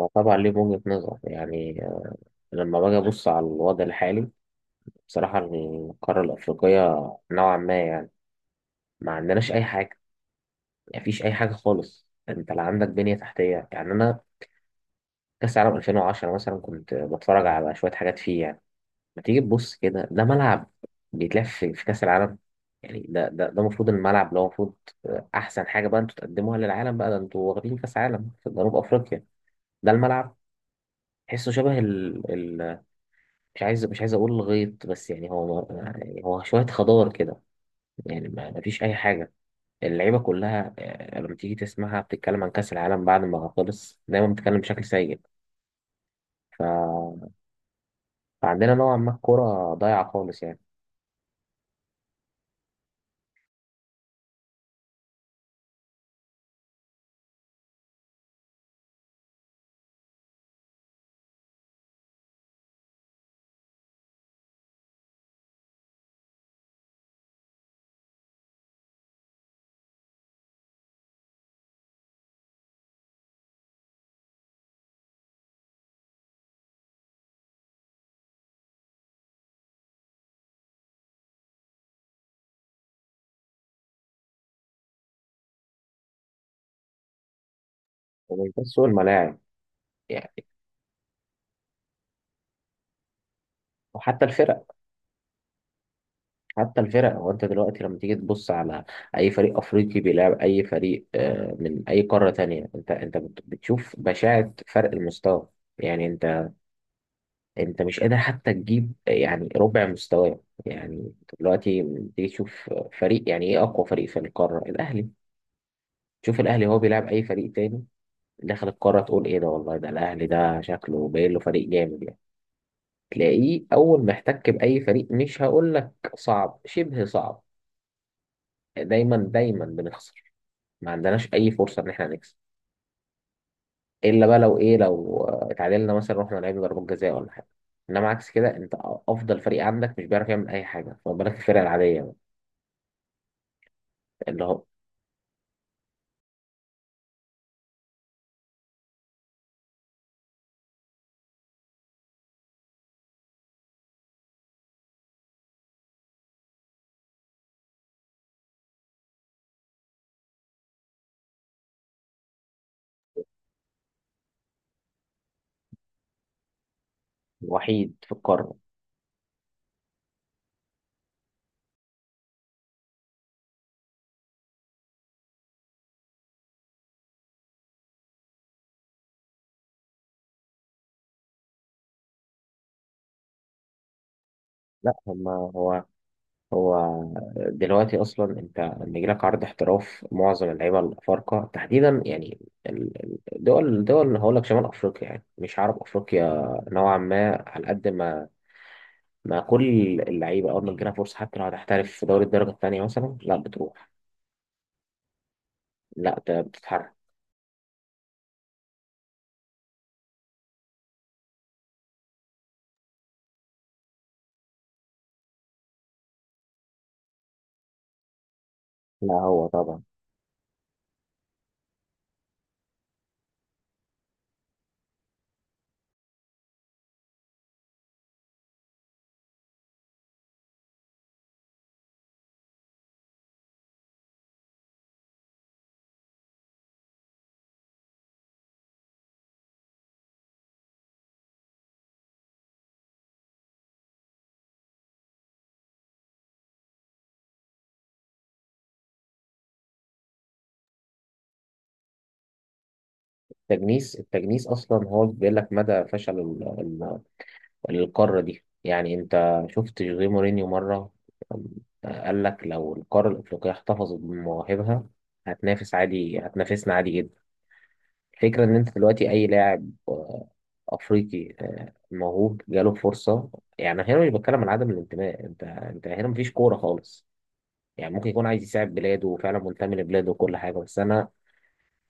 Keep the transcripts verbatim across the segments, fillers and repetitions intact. ما طبعا ليه وجهة نظر يعني. لما باجي أبص على الوضع الحالي بصراحة يعني القارة الأفريقية نوعا ما يعني ما عندناش أي حاجة. يعني مفيش أي حاجة خالص، أنت لا عندك بنية تحتية. يعني أنا كأس العالم ألفين وعشرة مثلا كنت بتفرج على شوية حاجات فيه يعني. ما تيجي تبص كده ده ملعب بيتلعب في في كأس العالم. يعني ده ده ده المفروض الملعب اللي هو المفروض أحسن حاجة بقى أنتوا تقدموها للعالم، بقى ده أنتوا واخدين كأس عالم في جنوب أفريقيا. ده الملعب؟ تحسه شبه، مش عايز مش عايز اقول غيط، بس يعني هو يعني هو شويه خضار كده. يعني ما ما فيش اي حاجه. اللعيبه كلها، آه، لما تيجي تسمعها بتتكلم عن كاس العالم بعد ما خلص دايما بتتكلم بشكل سيء. ف... فعندنا نوعا ما الكوره ضايعه خالص يعني. ومش بس سوق الملاعب يعني. وحتى الفرق حتى الفرق. هو انت دلوقتي لما تيجي تبص على اي فريق افريقي بيلعب اي فريق، آه، من اي قاره تانية، انت انت بت- بتشوف بشاعه فرق المستوى. يعني انت انت مش قادر حتى تجيب يعني ربع مستواه يعني. دلوقتي تيجي تشوف فريق، يعني ايه، اقوى فريق في القاره الاهلي، تشوف الاهلي هو بيلعب اي فريق تاني داخل القاره تقول ايه ده، والله ده الاهلي، ده شكله باين له فريق جامد يعني. تلاقيه اول ما احتك باي فريق، مش هقول لك صعب، شبه صعب. دايما دايما بنخسر، ما عندناش اي فرصه ان احنا نكسب، الا بقى لو ايه لو اتعادلنا مثلا رحنا لعبنا ضربات جزاء ولا حاجه. انما عكس كده انت افضل فريق عندك مش بيعرف يعمل اي حاجه، فما بالك الفرقه العاديه اللي هو الوحيد في القارة؟ لا هما هو هو دلوقتي أصلا أنت لما يجيلك عرض احتراف معظم اللعيبة الأفارقة تحديدا يعني، ال- ال- الدول الدول اللي هقول لك شمال أفريقيا، يعني مش عرب أفريقيا، نوعا ما على قد ما ما كل اللعيبة أول ما تجيلها فرصة حتى لو هتحترف في دوري الدرجة التانية مثلا، لا بتروح، لا ت- بتتحرك. لا هو طبعا. التجنيس التجنيس أصلا هو بيقول لك مدى فشل للقارة دي. يعني أنت شفت جوزيه مورينيو مرة قال لك لو القارة الأفريقية احتفظت بمواهبها هتنافس عادي، هتنافسنا عادي جدا. الفكرة إن أنت دلوقتي أي لاعب، آه، أفريقي، آه، موهوب، جاله فرصة. يعني هنا مش بتكلم عن عدم الانتماء، أنت أنت هنا مفيش كورة خالص. يعني ممكن يكون عايز يساعد بلاده وفعلا منتمي لبلاده وكل حاجة، بس أنا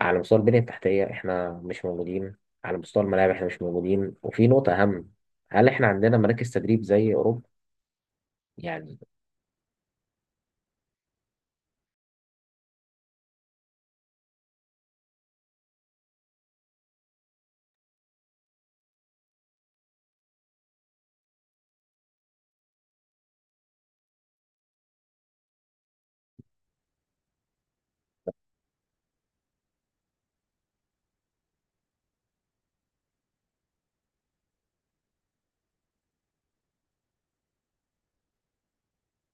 على مستوى البنية التحتية إحنا مش موجودين، على مستوى الملاعب إحنا مش موجودين، وفي نقطة أهم، هل إحنا عندنا مراكز تدريب زي أوروبا؟ يعني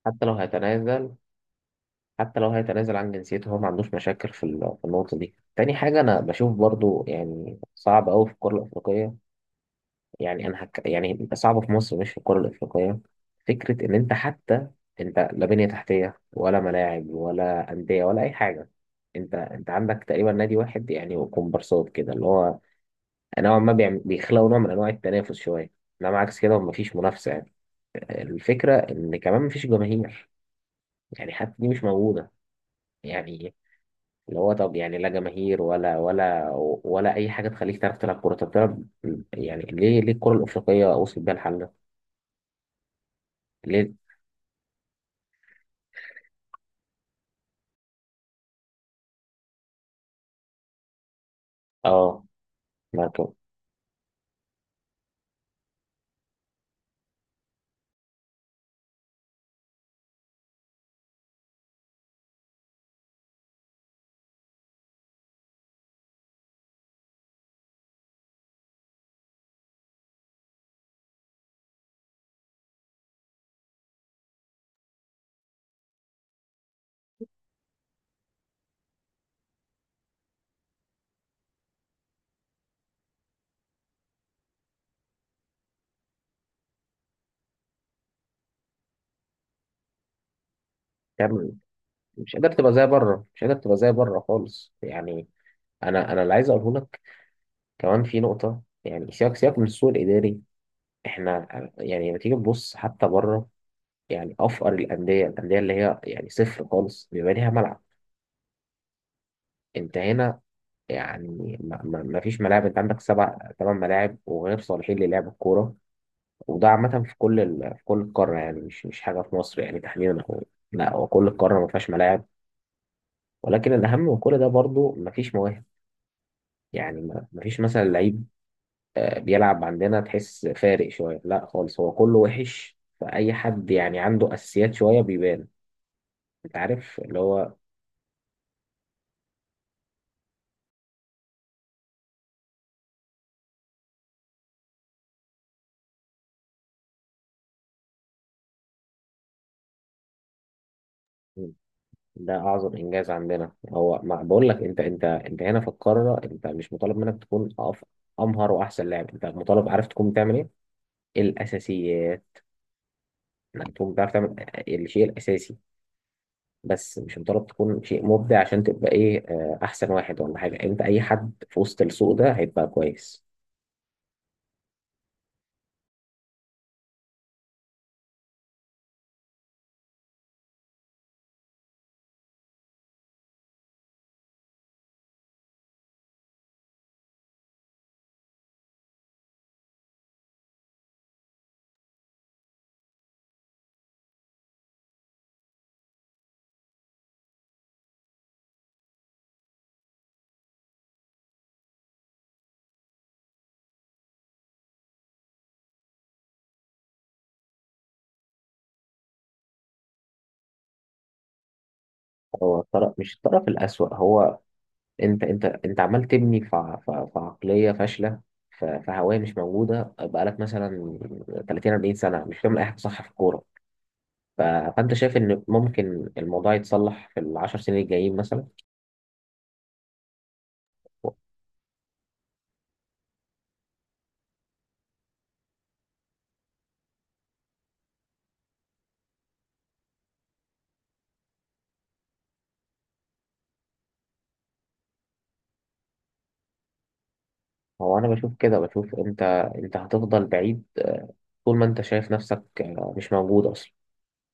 حتى لو هيتنازل. حتى لو هيتنازل عن جنسيته هو ما عندوش مشاكل في ال- في النقطة دي. تاني حاجة أنا بشوف برضو يعني صعب أوي في الكرة الأفريقية، يعني أنا هك... يعني صعبة في مصر، مش في الكرة الأفريقية. فكرة إن أنت حتى أنت لا بنية تحتية ولا ملاعب ولا أندية ولا أي حاجة. أنت أنت عندك تقريبا نادي واحد يعني وكومبارسات كده، اللي هو نوعا ما بيعم... بيخلقوا نوع من أنواع التنافس شوية، إنما عكس كده ومفيش منافسة يعني. الفكرة إن كمان مفيش جماهير، يعني حتى دي مش موجودة. يعني اللي هو طب يعني لا جماهير ولا ولا ولا اي حاجه تخليك تعرف تلعب كوره، طب تلعب. يعني ليه ليه الكره الافريقيه وصلت بيها الحل ده؟ ليه؟ اه. مركب. تعمل مش قادر تبقى زي بره، مش قادر تبقى زي بره خالص يعني. انا انا اللي عايز اقوله لك كمان في نقطه، يعني سياق، سياق من السوق الاداري. احنا يعني لما تيجي تبص حتى بره، يعني افقر الانديه، الانديه اللي هي يعني صفر خالص بيبقى ليها ملعب. انت هنا يعني ما, ما, ما فيش ملاعب، انت عندك سبع ثمان ملاعب وغير صالحين للعب الكوره. وده عامه في كل ال... في كل القاره، يعني مش مش حاجه في مصر يعني تحديدا. هو لا، هو كل القاره ما فيهاش ملاعب، ولكن الاهم من كل ده برضو ما فيش مواهب. يعني ما ما فيش مثلا لعيب، آه، بيلعب عندنا تحس فارق شويه، لا خالص هو كله وحش، فاي حد يعني عنده اساسيات شويه بيبان. انت عارف اللي هو ده اعظم انجاز عندنا. هو ما بقول لك انت، انت انت هنا في القاره انت مش مطالب منك تكون أف- امهر واحسن لاعب، انت مطالب عارف تكون بتعمل ايه؟ الاساسيات. انك تكون بتعرف تعمل الشيء الاساسي، بس مش مطالب تكون شيء مبدع عشان تبقى ايه، آه، احسن واحد ولا حاجه، انت اي حد في وسط السوق ده هيبقى كويس. هو الطرف، مش الطرف الأسوأ، هو انت انت انت عمال تبني في ع- في ع- في عقليه فاشله، في في هوايه مش موجوده بقالك مثلا تلاتين أربعين سنه مش بتعمل اي حاجه صح في الكوره. ف- فأنت شايف إن ممكن الموضوع يتصلح في العشر سنين الجايين مثلا؟ هو أنا بشوف كده، بشوف أنت أنت هتفضل بعيد، آه، طول ما أنت شايف نفسك، آه، مش موجود أصلا